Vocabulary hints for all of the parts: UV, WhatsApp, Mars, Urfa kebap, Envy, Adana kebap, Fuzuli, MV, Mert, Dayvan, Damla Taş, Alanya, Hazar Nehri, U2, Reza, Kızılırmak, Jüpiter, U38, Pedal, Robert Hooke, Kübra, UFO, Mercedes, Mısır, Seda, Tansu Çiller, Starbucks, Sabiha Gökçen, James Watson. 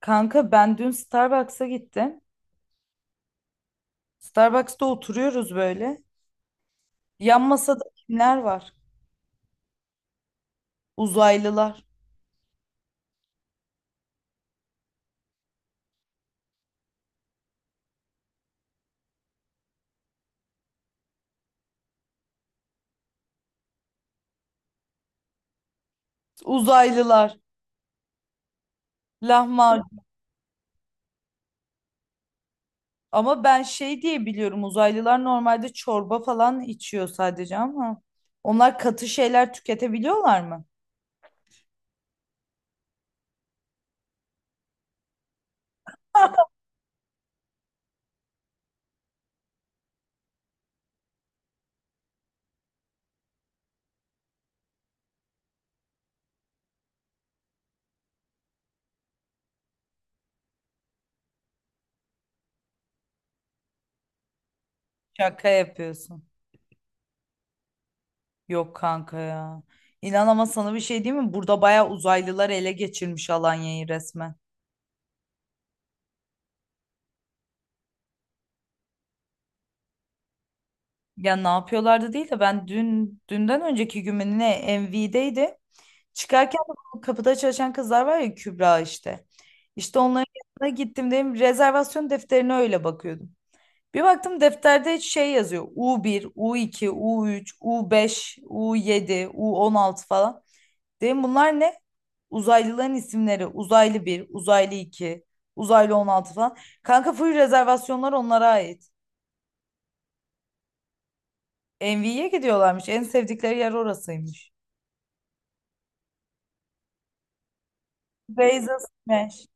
Kanka ben dün Starbucks'a gittim. Starbucks'ta oturuyoruz böyle. Yan masada kimler var? Uzaylılar. Uzaylılar. Lahmacun. Ama ben şey diye biliyorum, uzaylılar normalde çorba falan içiyor sadece ama onlar katı şeyler tüketebiliyorlar mı? Şaka yapıyorsun. Yok kanka ya. İnan, ama sana bir şey diyeyim mi? Burada bayağı uzaylılar ele geçirmiş Alanya'yı resmen. Ya ne yapıyorlardı değil de ben dün, dünden önceki gün mü ne, MV'deydi. Çıkarken de bu kapıda çalışan kızlar var ya, Kübra işte. İşte onların yanına gittim, dedim rezervasyon defterine öyle bakıyordum. Bir baktım defterde şey yazıyor: u bir, u iki, u üç, u beş, u yedi, u on altı falan. Dedim bunlar ne? Uzaylıların isimleri. Uzaylı bir, Uzaylı 2, Uzaylı 16 falan. Kanka full rezervasyonlar onlara ait. Envy'ye gidiyorlarmış. En sevdikleri yer orasıymış. Beyza Smash.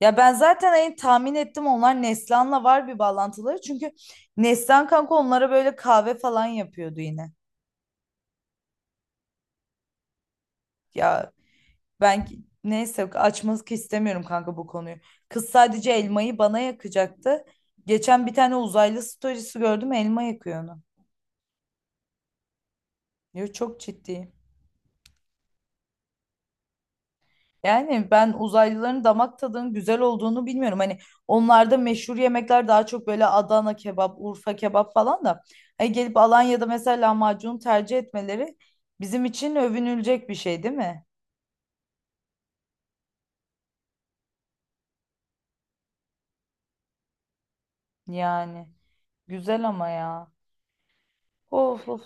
Ya ben zaten hani tahmin ettim, onlar Neslihan'la var bir bağlantıları. Çünkü Neslihan kanka onlara böyle kahve falan yapıyordu yine. Ya ben neyse, açmak istemiyorum kanka bu konuyu. Kız sadece elmayı bana yakacaktı. Geçen bir tane uzaylı storiesi gördüm, elma yakıyor onu. Diyor, çok ciddi. Yani ben uzaylıların damak tadının güzel olduğunu bilmiyorum. Hani onlarda meşhur yemekler daha çok böyle Adana kebap, Urfa kebap falan da. Hani gelip Alanya'da mesela lahmacun tercih etmeleri bizim için övünülecek bir şey değil mi? Yani güzel ama ya. Of of.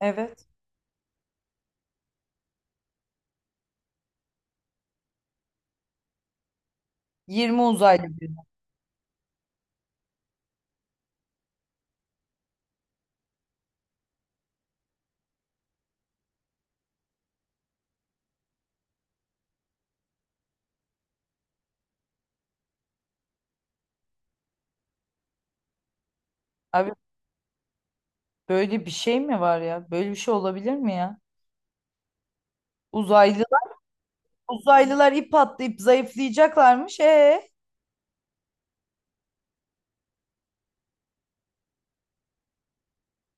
Evet. 20 uzaylı diyor. Abi böyle bir şey mi var ya? Böyle bir şey olabilir mi ya? Uzaylılar, uzaylılar ip atlayıp zayıflayacaklarmış. E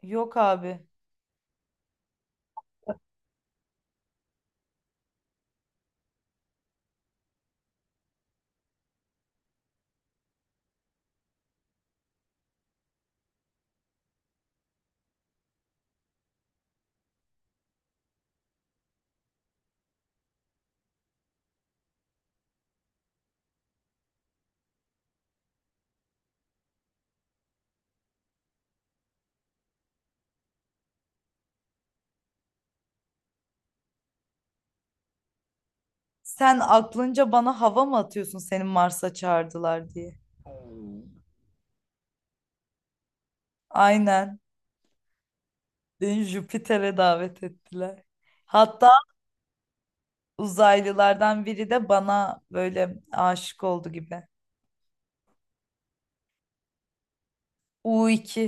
yok abi. Sen aklınca bana hava mı atıyorsun, senin Mars'a çağırdılar diye? Aynen. Beni Jüpiter'e davet ettiler. Hatta uzaylılardan biri de bana böyle aşık oldu gibi. U2.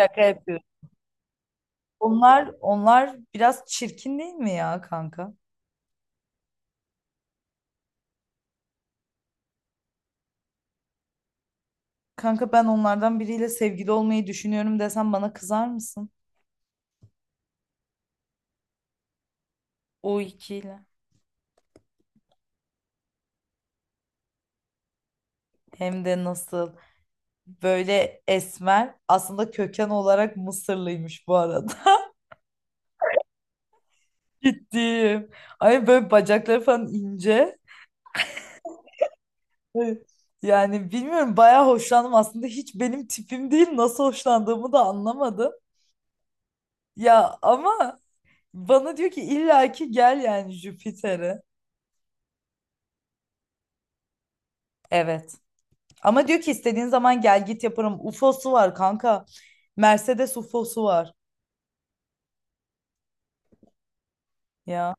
Şaka yapıyorum. Onlar, onlar biraz çirkin değil mi ya kanka? Kanka, ben onlardan biriyle sevgili olmayı düşünüyorum desem bana kızar mısın? U2 ile. Hem de nasıl, böyle esmer, aslında köken olarak Mısırlıymış bu arada. Gittim. Ay böyle bacakları falan ince. Evet. Yani bilmiyorum, bayağı hoşlandım aslında, hiç benim tipim değil, nasıl hoşlandığımı da anlamadım. Ya ama bana diyor ki illaki gel yani Jüpiter'e. Evet. Ama diyor ki istediğin zaman gel git yaparım. UFO'su var kanka. Mercedes UFO'su var. Ya.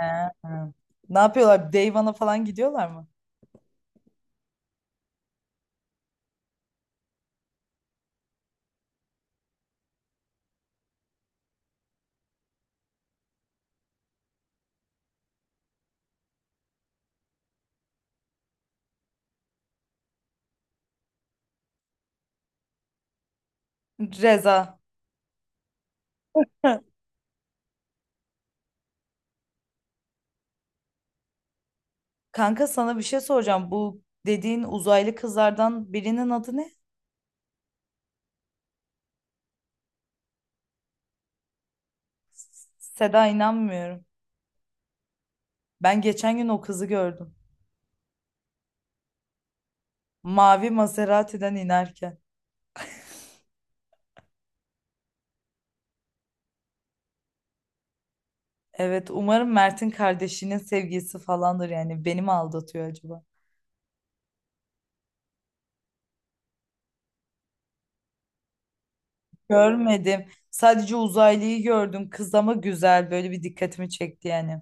He. Ne yapıyorlar? Dayvan'a falan gidiyorlar mı? Reza. Kanka sana bir şey soracağım. Bu dediğin uzaylı kızlardan birinin adı ne? Seda, inanmıyorum. Ben geçen gün o kızı gördüm. Mavi Maserati'den inerken. Evet, umarım Mert'in kardeşinin sevgilisi falandır yani. Beni mi aldatıyor acaba? Görmedim. Sadece uzaylıyı gördüm. Kız ama güzel. Böyle bir dikkatimi çekti yani.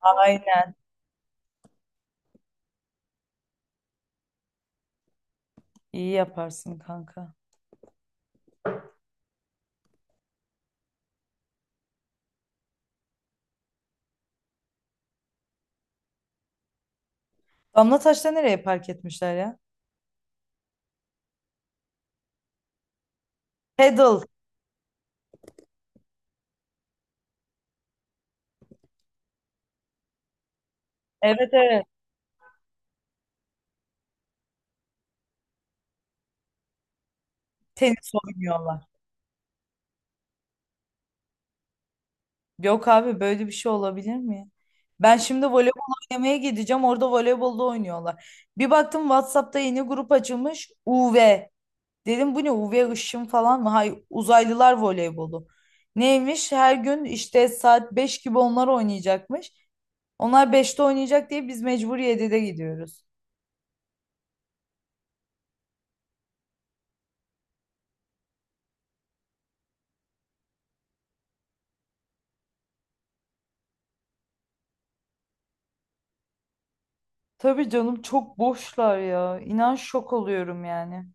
Aynen. İyi yaparsın kanka. Damla Taş'ta nereye park etmişler ya? Pedal. Evet, evet. Tenis oynuyorlar. Yok abi, böyle bir şey olabilir mi ya? Ben şimdi voleybol oynamaya gideceğim. Orada voleybolda oynuyorlar. Bir baktım WhatsApp'ta yeni grup açılmış: UV. Dedim bu ne, UV ışın falan mı? Hay uzaylılar voleybolu. Neymiş? Her gün işte saat 5 gibi onlar oynayacakmış. Onlar beşte oynayacak diye biz mecbur 7 gidiyoruz. Tabii canım, çok boşlar ya. İnan şok oluyorum yani.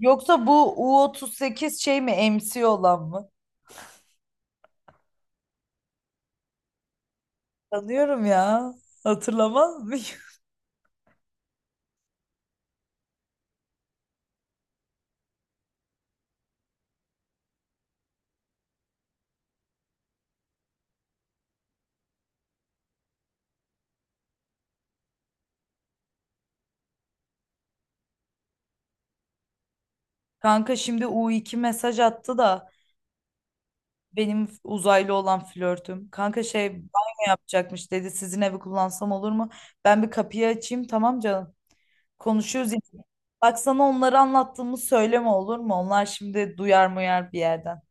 Yoksa bu U38 şey mi, MC olan mı? Tanıyorum ya. Hatırlamaz mıyım? Kanka şimdi u iki mesaj attı da, benim uzaylı olan flörtüm. Kanka şey, banyo yapacakmış dedi. Sizin evi kullansam olur mu? Ben bir kapıyı açayım, tamam canım. Konuşuyoruz yine. Bak, sana onları anlattığımı söyleme, olur mu? Onlar şimdi duyar muyar bir yerden.